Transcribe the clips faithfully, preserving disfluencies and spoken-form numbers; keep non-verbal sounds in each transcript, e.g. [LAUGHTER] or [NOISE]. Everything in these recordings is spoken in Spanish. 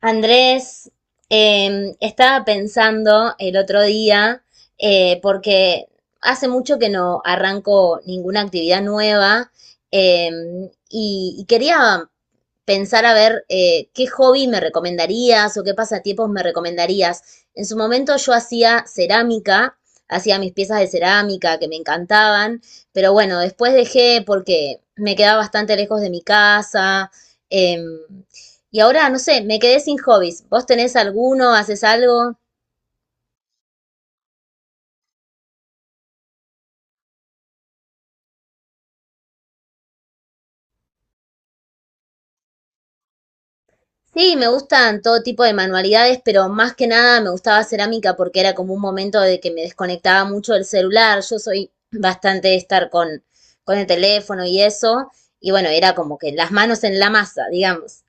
Andrés, eh, estaba pensando el otro día, eh, porque hace mucho que no arranco ninguna actividad nueva. Eh, y, y quería pensar a ver eh, qué hobby me recomendarías o qué pasatiempos me recomendarías. En su momento yo hacía cerámica, hacía mis piezas de cerámica que me encantaban, pero bueno, después dejé porque me quedaba bastante lejos de mi casa. em, y ahora, no sé, me quedé sin hobbies. ¿Vos tenés alguno? ¿Haces algo? Sí, me gustan todo tipo de manualidades, pero más que nada me gustaba cerámica porque era como un momento de que me desconectaba mucho del celular. Yo soy bastante de estar con, con el teléfono y eso. Y bueno, era como que las manos en la masa, digamos.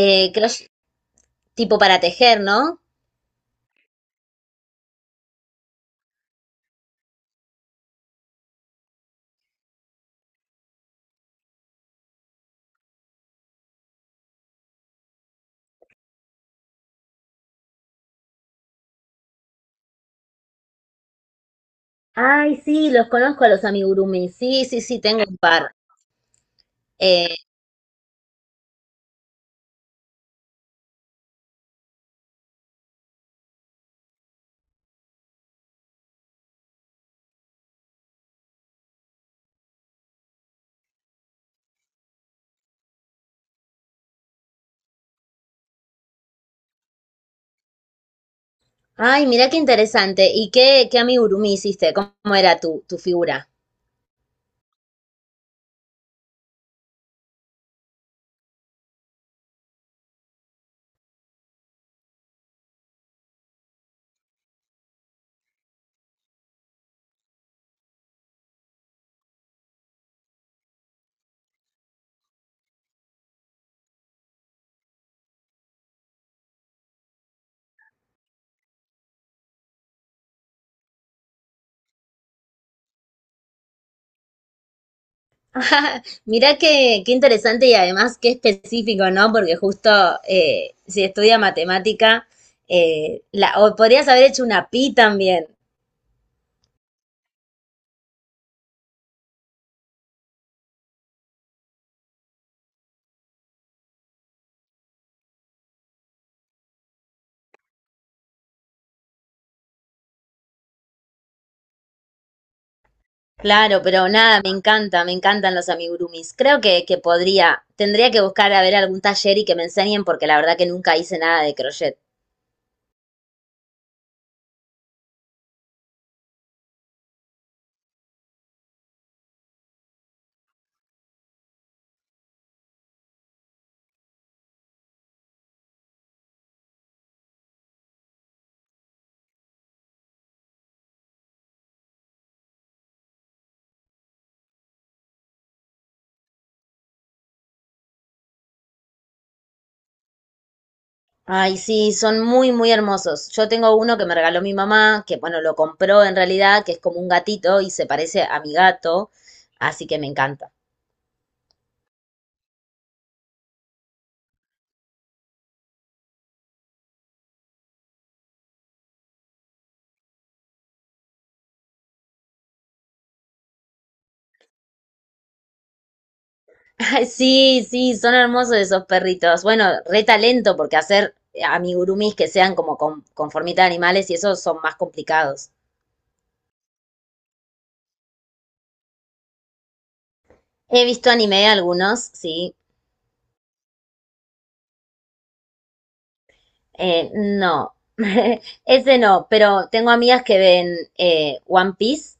Eh, crochet, tipo para tejer, ¿no? Ay, sí, los conozco a los amigurumis. Sí, sí, sí, tengo un par. Eh, Ay, mira qué interesante. ¿Y qué, qué amigurumi hiciste? ¿Cómo era tu, tu figura? [LAUGHS] Mira qué, qué interesante y además qué específico, ¿no? Porque justo eh, si estudia matemática, eh, la, o podrías haber hecho una pi también. Claro, pero nada, me encanta, me encantan los amigurumis. Creo que, que podría, tendría que buscar a ver algún taller y que me enseñen porque la verdad que nunca hice nada de crochet. Ay, sí, son muy, muy hermosos. Yo tengo uno que me regaló mi mamá, que bueno, lo compró en realidad, que es como un gatito y se parece a mi gato, así que me encanta. [LAUGHS] Ay, sí, sí, son hermosos esos perritos. Bueno, re talento, porque hacer amigurumis que sean como con, con formita de animales y esos son más complicados. He visto anime algunos, sí. Eh, no, [LAUGHS] ese no, pero tengo amigas que ven eh, One Piece.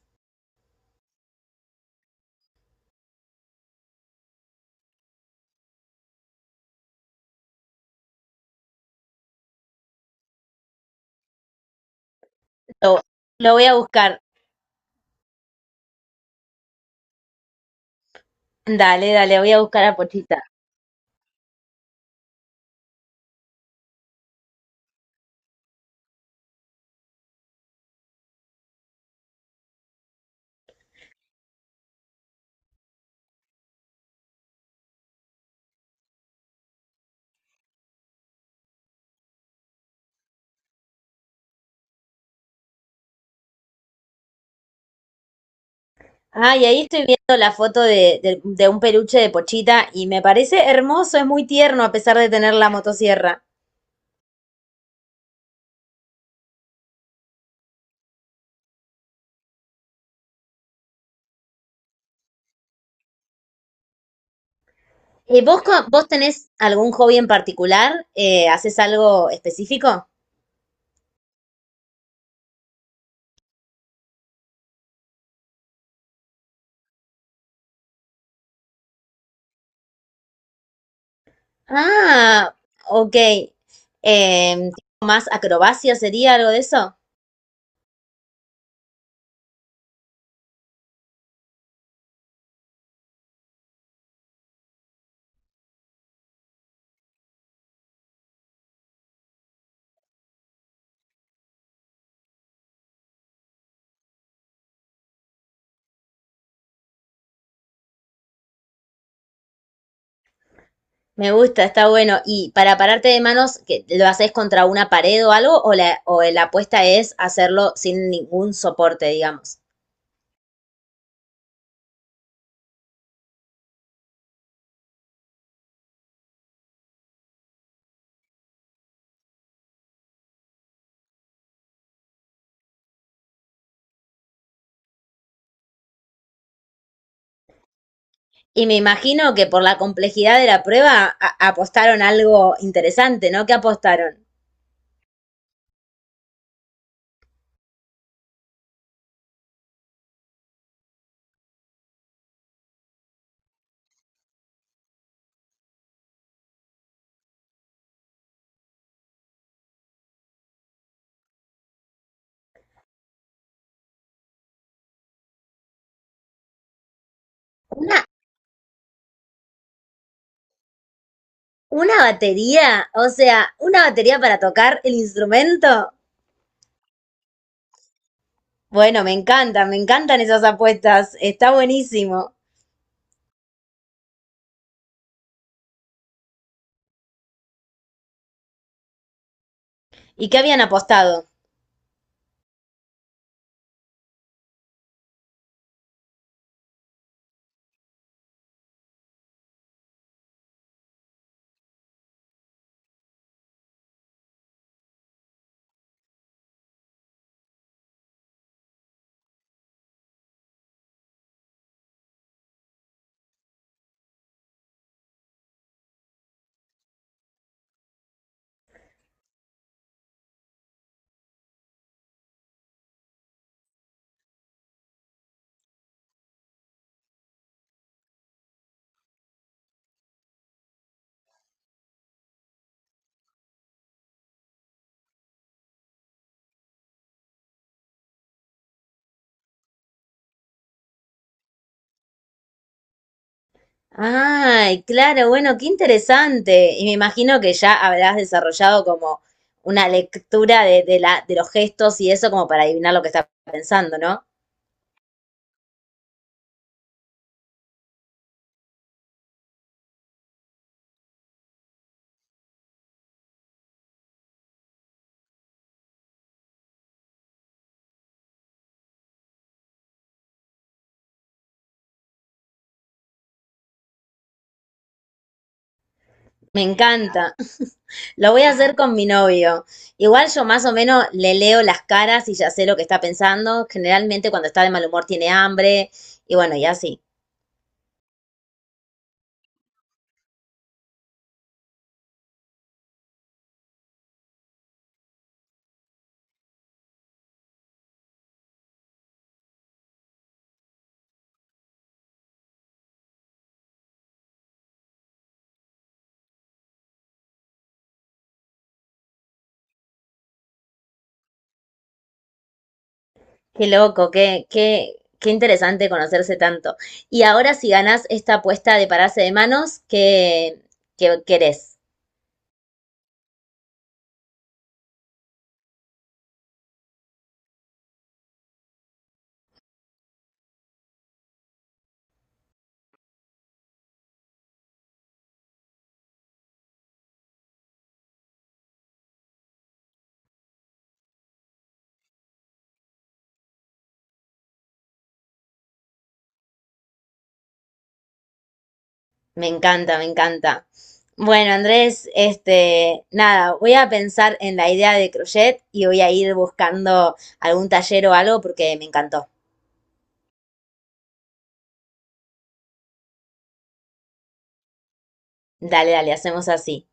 Lo, lo voy a buscar. [LAUGHS] Dale, dale, voy a buscar a Pochita. Ah, y ahí estoy viendo la foto de, de- de un peluche de Pochita y me parece hermoso, es muy tierno a pesar de tener la motosierra. Eh, ¿vos, co- vos tenés algún hobby en particular? Eh, ¿haces algo específico? Ah, ok. Em, ¿tipo más acrobacia sería algo de eso? Me gusta, está bueno. ¿Y para pararte de manos, que lo haces contra una pared o algo? ¿O la, o la apuesta es hacerlo sin ningún soporte, digamos? Y me imagino que por la complejidad de la prueba a- apostaron algo interesante, ¿no? ¿Qué apostaron? ¿Una, una batería? O sea, ¿una batería para tocar el instrumento? Bueno, me encantan, me encantan esas apuestas. Está buenísimo. ¿Y qué habían apostado? Ay, claro, bueno, qué interesante. Y me imagino que ya habrás desarrollado como una lectura de, de la, de los gestos y eso como para adivinar lo que está pensando, ¿no? Me encanta. Lo voy a hacer con mi novio. Igual yo más o menos le leo las caras y ya sé lo que está pensando. Generalmente cuando está de mal humor tiene hambre y bueno, y así. Qué loco, qué, qué, qué interesante conocerse tanto. Y ahora si ganás esta apuesta de pararse de manos, ¿qué, qué querés? Me encanta, me encanta. Bueno, Andrés, este, nada, voy a pensar en la idea de crochet y voy a ir buscando algún taller o algo porque me encantó. Dale, dale, hacemos así.